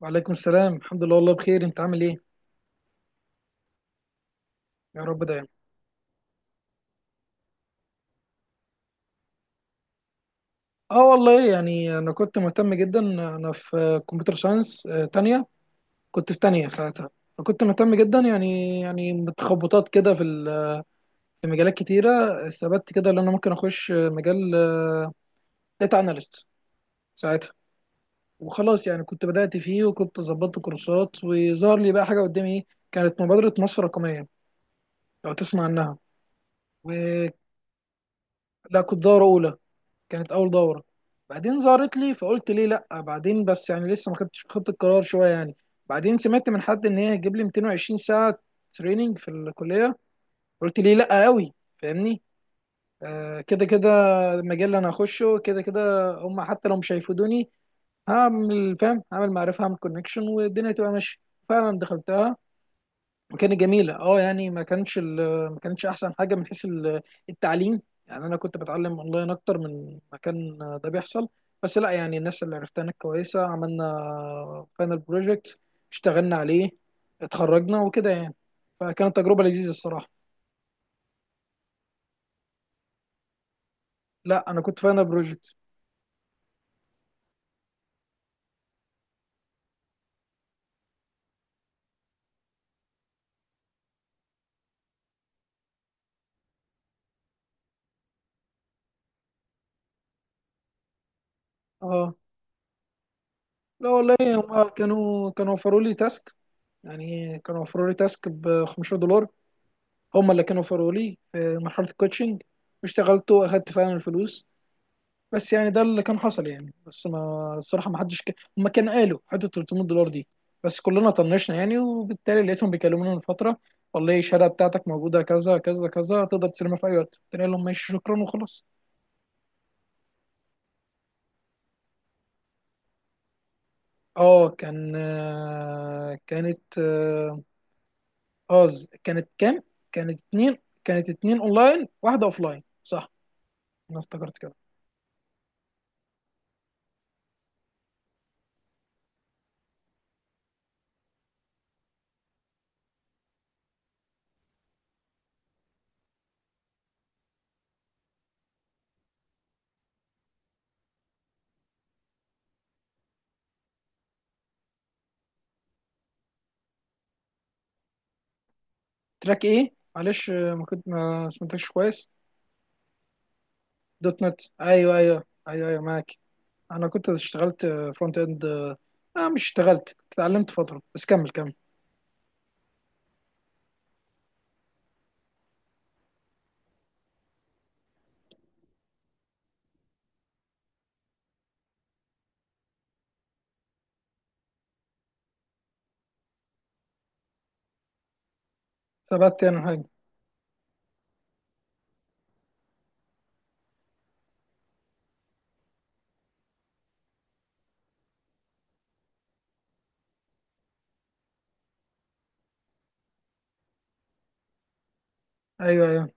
وعليكم السلام، الحمد لله والله بخير. انت عامل ايه؟ يا رب دايما. اه والله يعني انا كنت مهتم جدا. انا في كمبيوتر ساينس تانية. كنت في تانية ساعتها. فكنت مهتم جدا يعني، متخبطات كده في مجالات كتيرة. استبدت كده ان انا ممكن اخش مجال داتا اناليست ساعتها. وخلاص يعني كنت بدأت فيه، وكنت ظبطت كورسات، وظهر لي بقى حاجة قدامي ايه. كانت مبادرة مصر الرقمية، لو تسمع عنها. و... لا، كنت دورة أولى. كانت اول دوره. بعدين ظهرت لي فقلت ليه لا، بعدين بس يعني لسه ما خدتش، خدت القرار شويه يعني. بعدين سمعت من حد ان هي هتجيب لي 220 ساعه تريننج في الكليه. قلت ليه لا قوي، فاهمني. آه، كده كده المجال اللي انا هخشه كده كده هم، حتى لو مش هيفيدوني هعمل فاهم، هعمل معرفه، هعمل كونكشن، والدنيا تبقى ماشيه. فعلا دخلتها، كانت جميله. اه يعني ما كانش ال- ما كانتش احسن حاجه من حيث التعليم. يعني انا كنت بتعلم اونلاين اكتر من ما كان ده بيحصل. بس لا يعني الناس اللي عرفتها هناك كويسه، عملنا فاينل بروجكت، اشتغلنا عليه، اتخرجنا وكده يعني. فكانت تجربه لذيذه الصراحه. لا، انا كنت فاينل بروجكت. اه لا والله هم كانوا وفروا لي تاسك. يعني كانوا وفروا لي تاسك ب 15$. هم اللي كانوا وفروا لي في مرحله الكوتشنج، واشتغلت واخدت فعلا الفلوس. بس يعني ده اللي كان حصل يعني. بس ما الصراحه، ما حدش هم كانوا قالوا حته 300$ دي، بس كلنا طنشنا يعني. وبالتالي لقيتهم بيكلمونا من فتره: والله الشهاده بتاعتك موجوده كذا كذا كذا، تقدر تسلمها في اي وقت. قلت لهم ماشي شكرا، وخلاص. اه، آه، كانت كام؟ كانت اتنين. كانت اتنين اونلاين، واحده اوفلاين، صح. انا افتكرت كده. تراك ايه معلش، ما كنت، ما سمعتكش كويس. دوت نت، ايوه ايوه ايوه ايوه، معاك. انا كنت اشتغلت فرونت اند. اه، مش اشتغلت، كنت اتعلمت فتره بس. كمل كمل. ثبت يعني حاجه. ايوه ايوه.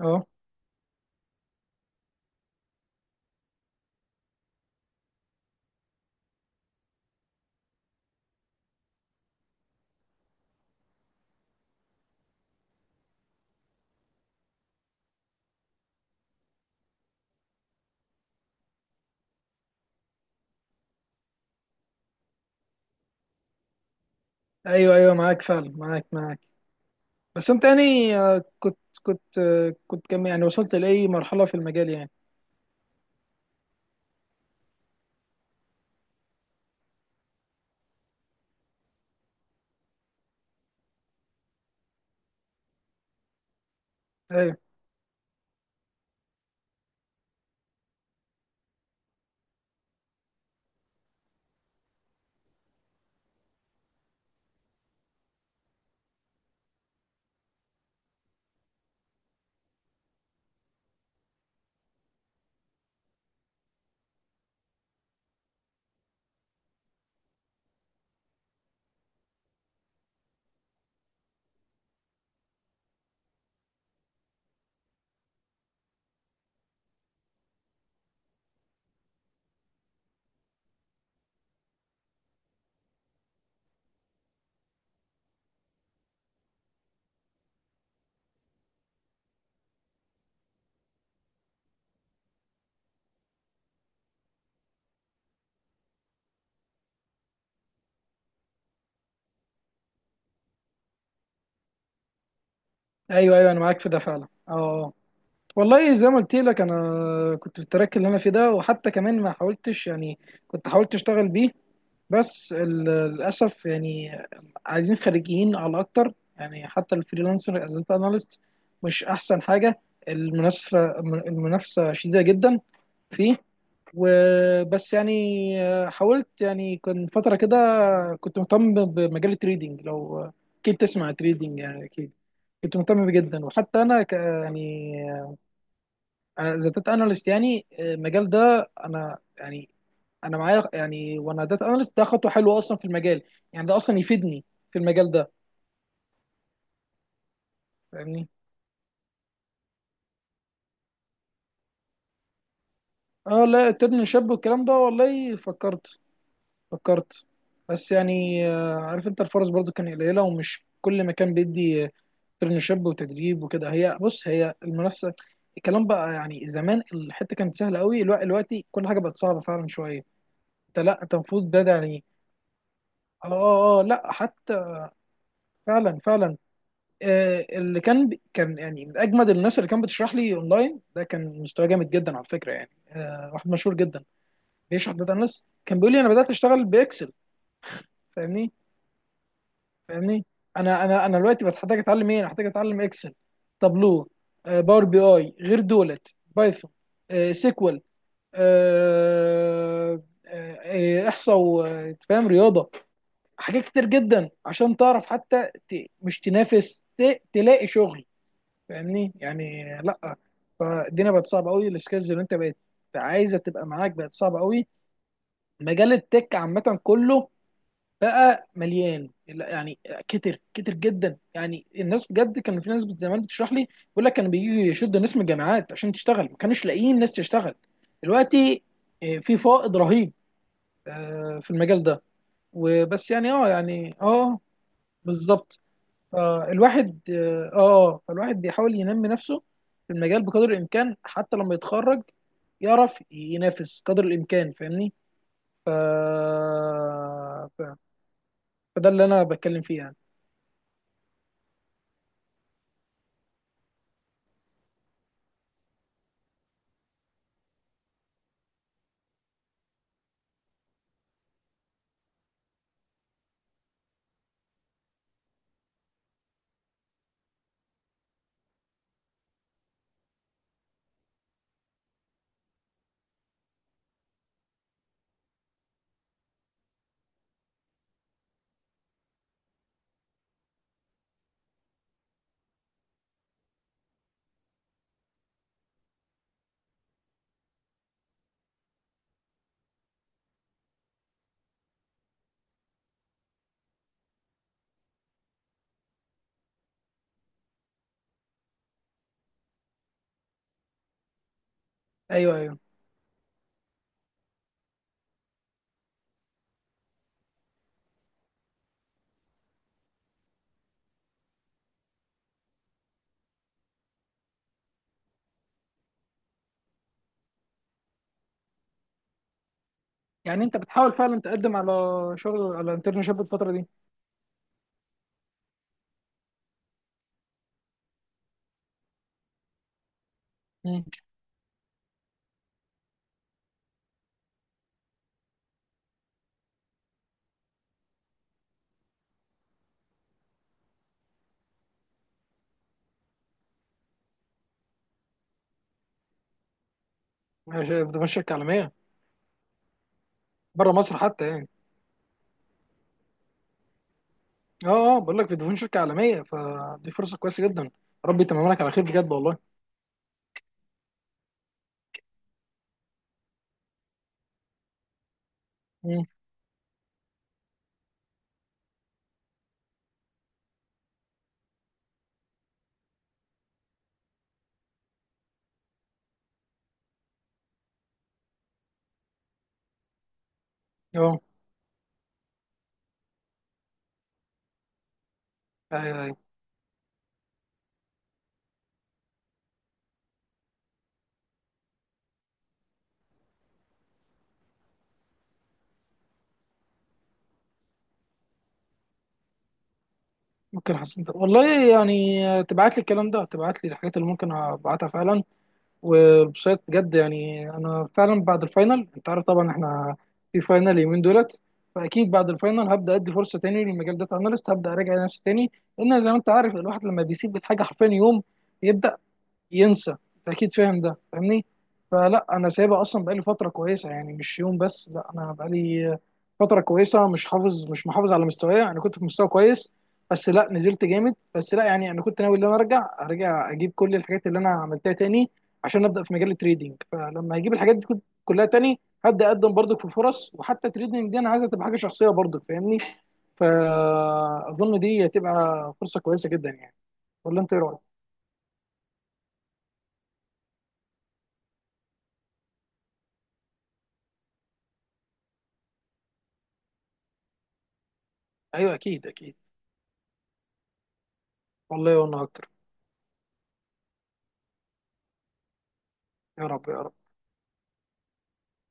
اه، ايوه ايوه معاك فعلا، معاك معاك. بس انت يعني، كنت كم يعني، وصلت لاي مرحله في المجال يعني؟ ايوه ايوه ايوه، انا معاك في ده فعلا، اه أه. والله زي ما قلت لك، انا كنت في التراك اللي انا فيه ده، وحتى كمان ما حاولتش يعني. كنت حاولت اشتغل بيه، بس ال- للاسف يعني عايزين خريجين على اكتر يعني. حتى الفريلانسر از داتا اناليست مش احسن حاجه. المنافسه، المنافسه شديده جدا فيه، وبس يعني. حاولت يعني، كان فتره كده كنت مهتم بمجال التريدينج. لو اكيد تسمع تريدينج يعني، اكيد. كنت مهتم بيه جدا، وحتى انا يعني انا از داتا اناليست يعني، المجال ده انا يعني انا معايا يعني. وانا داتا اناليست، ده خطوه حلوه اصلا في المجال. يعني ده اصلا يفيدني في المجال ده، فاهمني. اه لا، ترن شاب والكلام ده، والله فكرت، فكرت. بس يعني، عارف انت الفرص برضو كان قليله، ومش كل مكان بيدي ترن شاب وتدريب وكده. هي بص، هي المنافسه، الكلام بقى يعني. زمان الحته كانت سهله قوي، الوقت دلوقتي كل حاجه بقت صعبه فعلا شويه. انت لا انت المفروض ده ده يعني. اه اه، لا حتى، فعلا فعلا. آه، اللي كان كان يعني من اجمد الناس اللي كان بتشرح لي اونلاين ده، كان مستواه جامد جدا على فكره يعني. آه، واحد مشهور جدا بيشرح داتا اناليست كان بيقول لي: انا بدات اشتغل باكسل، فاهمني. فاهمني. انا دلوقتي بتحتاج اتعلم ايه؟ انا محتاج اتعلم اكسل، تابلو، باور بي اي غير دولت، بايثون، سيكوال، آه، آه، احصاء، وفاهم رياضه. حاجات كتير جدا عشان تعرف حتى مش تنافس، تلاقي شغل، فاهمني يعني، لا. فالدنيا بقت صعبه قوي، السكيلز اللي انت بقت عايزه تبقى معاك بقت صعبه قوي. مجال التك عامه كله بقى مليان، لا يعني كتر كتر جدا يعني الناس. بجد كان في ناس زمان بتشرح لي بيقول لك كانوا بييجوا يشدوا ناس من الجامعات عشان تشتغل، ما كانوش لاقيين ناس تشتغل. دلوقتي في فائض رهيب في المجال ده، وبس يعني اه يعني اه. بالظبط. فالواحد اه آه، فالواحد بيحاول ينمي نفسه في المجال بقدر الامكان، حتى لما يتخرج يعرف ينافس قدر الامكان، فاهمني. ف... ف... فده اللي انا بتكلم فيه يعني. ايوه ايوه، يعني انت بتحاول فعلا تقدم على شغل، على انترنشيب الفتره دي. مم. في دفعه شركه عالميه، بره مصر حتى يعني. اه اه، بقول لك في دفعه شركه عالميه، فدي فرصه كويسه جدا. ربي يتمم لك على خير بجد والله. مم. اه ايوه ايوه، ممكن حسنت والله، يعني تبعت لي الكلام ده، تبعت لي الحاجات اللي ممكن ابعتها فعلا. والبسيط بجد، يعني انا فعلا بعد الفاينل، انت عارف طبعا احنا في فاينل اليومين دولت. فاكيد بعد الفاينل هبدا ادي فرصه تاني للمجال داتا اناليست، هبدا اراجع نفسي تاني. لان زي ما انت عارف، الواحد لما بيسيب الحاجه حرفيا يوم، يبدا ينسى، انت اكيد فاهم ده، فاهمني. فلا، انا سايبها اصلا بقالي فتره كويسه، يعني مش يوم بس. لا، انا بقالي فتره كويسه مش محافظ على مستواي. انا كنت في مستوى كويس بس لا، نزلت جامد. بس لا يعني، انا كنت ناوي ان انا ارجع، ارجع اجيب كل الحاجات اللي انا عملتها تاني، عشان ابدا في مجال التريدينج. فلما اجيب الحاجات دي كلها تاني، هبدا اقدم برضك في فرص. وحتى التريدينج دي انا عايزها تبقى حاجه شخصيه برضك، فاهمني. فاظن دي هتبقى فرصه كويسه جدا يعني، ولا انت ايه رايك؟ ايوه اكيد اكيد. والله وانا اكتر. يا رب يا رب.